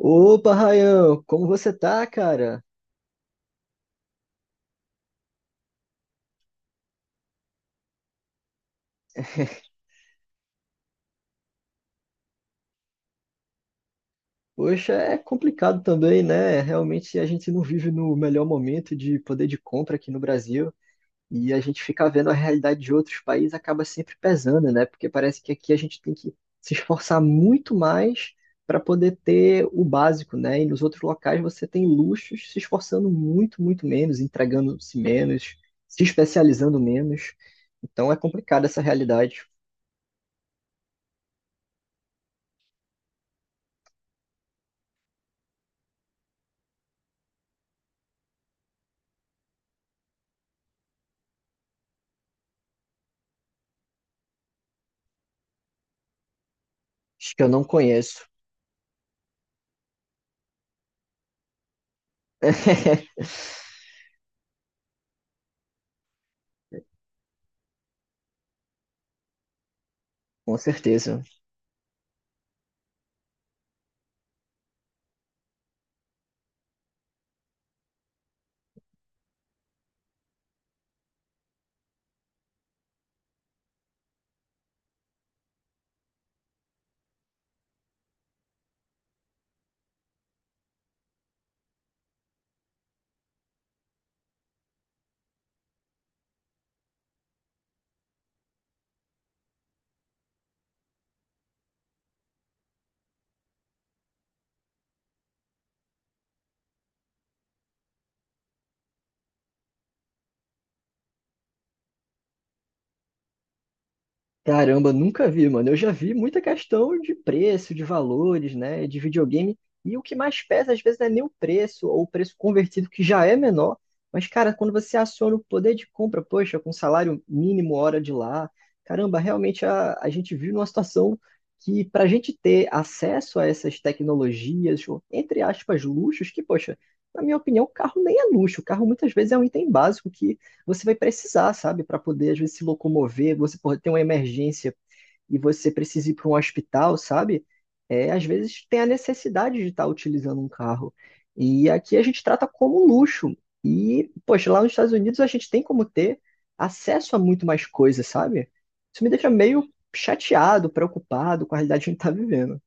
Opa, Rayan, como você tá, cara? Poxa, é complicado também, né? Realmente a gente não vive no melhor momento de poder de compra aqui no Brasil e a gente ficar vendo a realidade de outros países acaba sempre pesando, né? Porque parece que aqui a gente tem que se esforçar muito mais para poder ter o básico, né? E nos outros locais você tem luxos se esforçando muito, muito menos, entregando-se menos, se especializando menos. Então é complicada essa realidade. Acho que eu não conheço. Com certeza. Caramba, nunca vi, mano. Eu já vi muita questão de preço, de valores, né, de videogame. E o que mais pesa, às vezes, não é nem o preço ou o preço convertido, que já é menor. Mas, cara, quando você aciona o poder de compra, poxa, com salário mínimo, hora de lá, caramba, realmente a gente vive numa situação que, para a gente ter acesso a essas tecnologias, ou, entre aspas, luxos, que, poxa, na minha opinião, o carro nem é luxo. O carro muitas vezes é um item básico que você vai precisar, sabe, para poder às vezes se locomover, você pode ter uma emergência e você precisa ir para um hospital, sabe? É, às vezes tem a necessidade de estar utilizando um carro. E aqui a gente trata como um luxo. E, poxa, lá nos Estados Unidos a gente tem como ter acesso a muito mais coisas, sabe? Isso me deixa meio chateado, preocupado com a realidade que a gente está vivendo.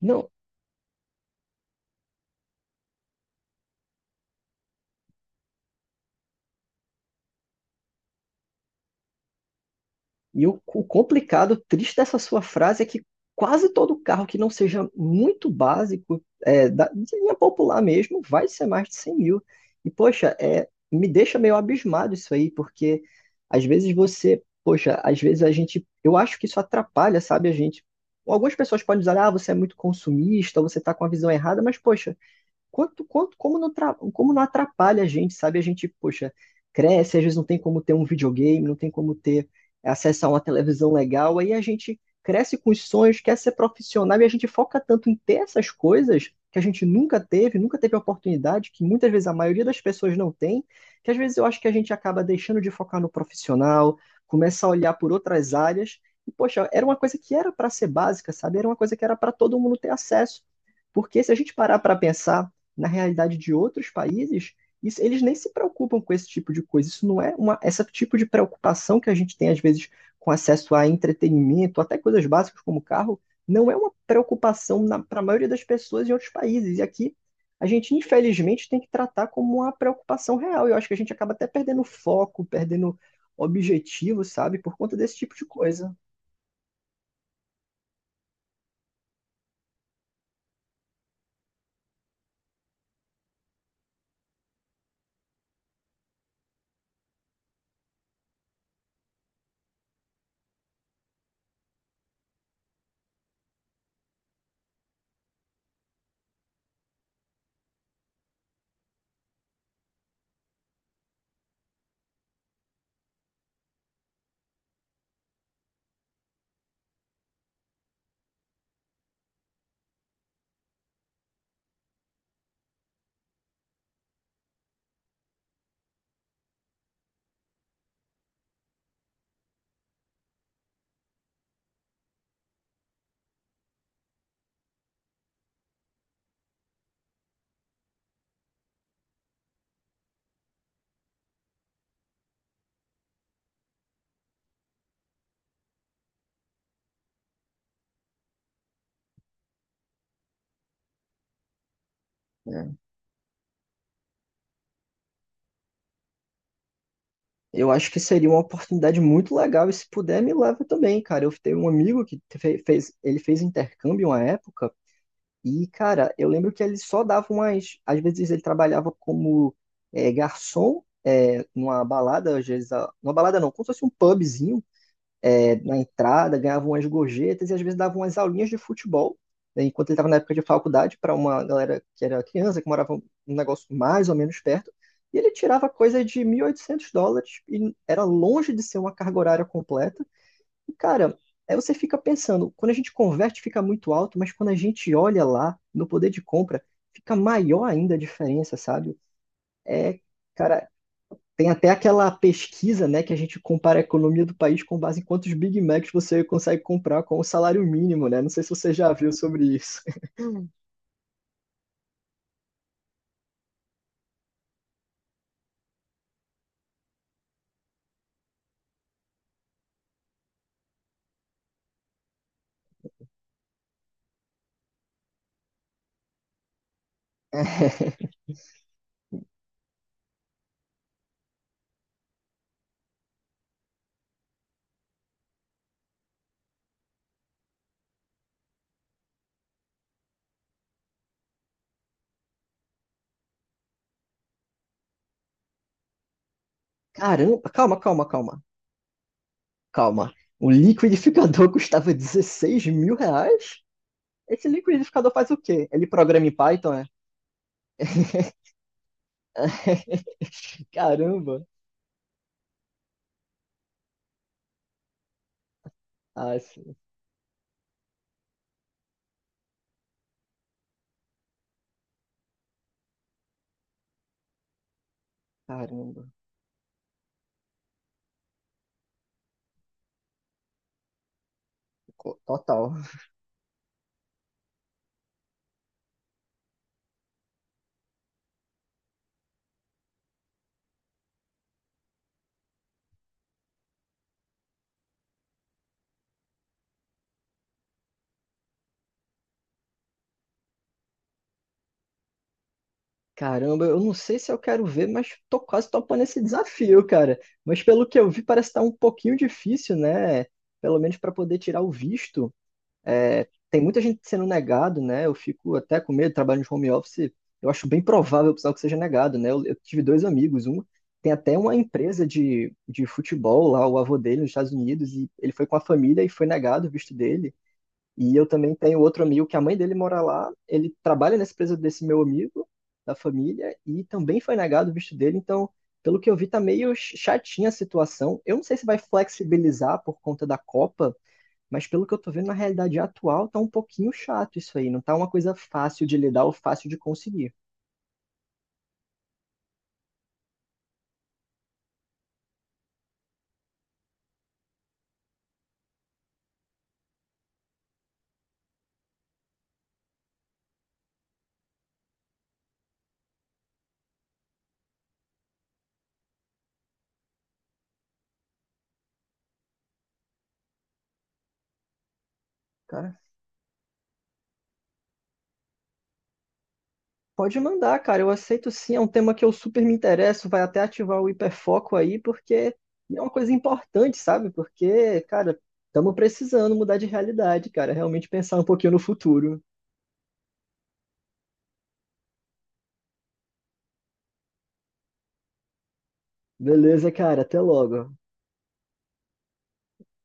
Não. E o complicado, o triste dessa sua frase é que quase todo carro que não seja muito básico, é, de linha popular mesmo, vai ser mais de 100 mil. E, poxa, é, me deixa meio abismado isso aí, porque às vezes você, poxa, às vezes a gente, eu acho que isso atrapalha, sabe, a gente. Algumas pessoas podem dizer, ah, você é muito consumista, você está com a visão errada, mas, poxa, quanto, como não, como não atrapalha a gente, sabe? A gente, poxa, cresce, às vezes não tem como ter um videogame, não tem como ter acesso a uma televisão legal, aí a gente cresce com os sonhos, quer ser profissional e a gente foca tanto em ter essas coisas que a gente nunca teve, nunca teve oportunidade, que muitas vezes a maioria das pessoas não tem, que às vezes eu acho que a gente acaba deixando de focar no profissional, começa a olhar por outras áreas. E, poxa, era uma coisa que era para ser básica, sabe? Era uma coisa que era para todo mundo ter acesso. Porque se a gente parar para pensar, na realidade de outros países, isso, eles nem se preocupam com esse tipo de coisa. Isso não é uma, esse tipo de preocupação que a gente tem, às vezes, com acesso a entretenimento, até coisas básicas como carro, não é uma preocupação para a maioria das pessoas em outros países. E aqui, a gente, infelizmente, tem que tratar como uma preocupação real. E eu acho que a gente acaba até perdendo foco, perdendo objetivo, sabe, por conta desse tipo de coisa. É. Eu acho que seria uma oportunidade muito legal e se puder me leva também, cara. Eu tenho um amigo que ele fez intercâmbio uma época e, cara, eu lembro que ele só dava umas, às vezes ele trabalhava como garçom numa balada, às vezes, numa balada não, como se fosse um pubzinho na entrada, ganhavam umas gorjetas e às vezes davam umas aulinhas de futebol, né, enquanto ele estava na época de faculdade, para uma galera que era criança, que morava um negócio mais ou menos perto, e ele tirava coisa de US$ 1.800 e era longe de ser uma carga horária completa. E, cara, aí você fica pensando, quando a gente converte fica muito alto, mas quando a gente olha lá no poder de compra, fica maior ainda a diferença, sabe? É, cara, tem até aquela pesquisa, né, que a gente compara a economia do país com base em quantos Big Macs você consegue comprar com o salário mínimo, né? Não sei se você já viu sobre isso. Caramba, calma, calma, calma, calma. O liquidificador custava 16 mil reais? Esse liquidificador faz o quê? Ele programa em Python, é? Caramba. Ah, sim, caramba. Co- Total. Caramba, eu não sei se eu quero ver, mas tô quase topando esse desafio, cara. Mas pelo que eu vi, parece estar um pouquinho difícil, né? Pelo menos para poder tirar o visto. É, tem muita gente sendo negado, né? Eu fico até com medo, trabalho de home office. Eu acho bem provável, pessoal, que seja negado, né? Eu tive dois amigos, um tem até uma empresa de futebol lá, o avô dele nos Estados Unidos, e ele foi com a família e foi negado o visto dele. E eu também tenho outro amigo que a mãe dele mora lá, ele trabalha nessa empresa desse meu amigo, da família, e também foi negado o visto dele, então, pelo que eu vi, tá meio chatinha a situação. Eu não sei se vai flexibilizar por conta da Copa, mas pelo que eu tô vendo na realidade atual, tá um pouquinho chato isso aí, não tá uma coisa fácil de lidar ou fácil de conseguir. Cara, pode mandar, cara, eu aceito sim, é um tema que eu super me interesso, vai até ativar o hiperfoco aí, porque é uma coisa importante, sabe? Porque, cara, estamos precisando mudar de realidade, cara, realmente pensar um pouquinho no futuro. Beleza, cara, até logo.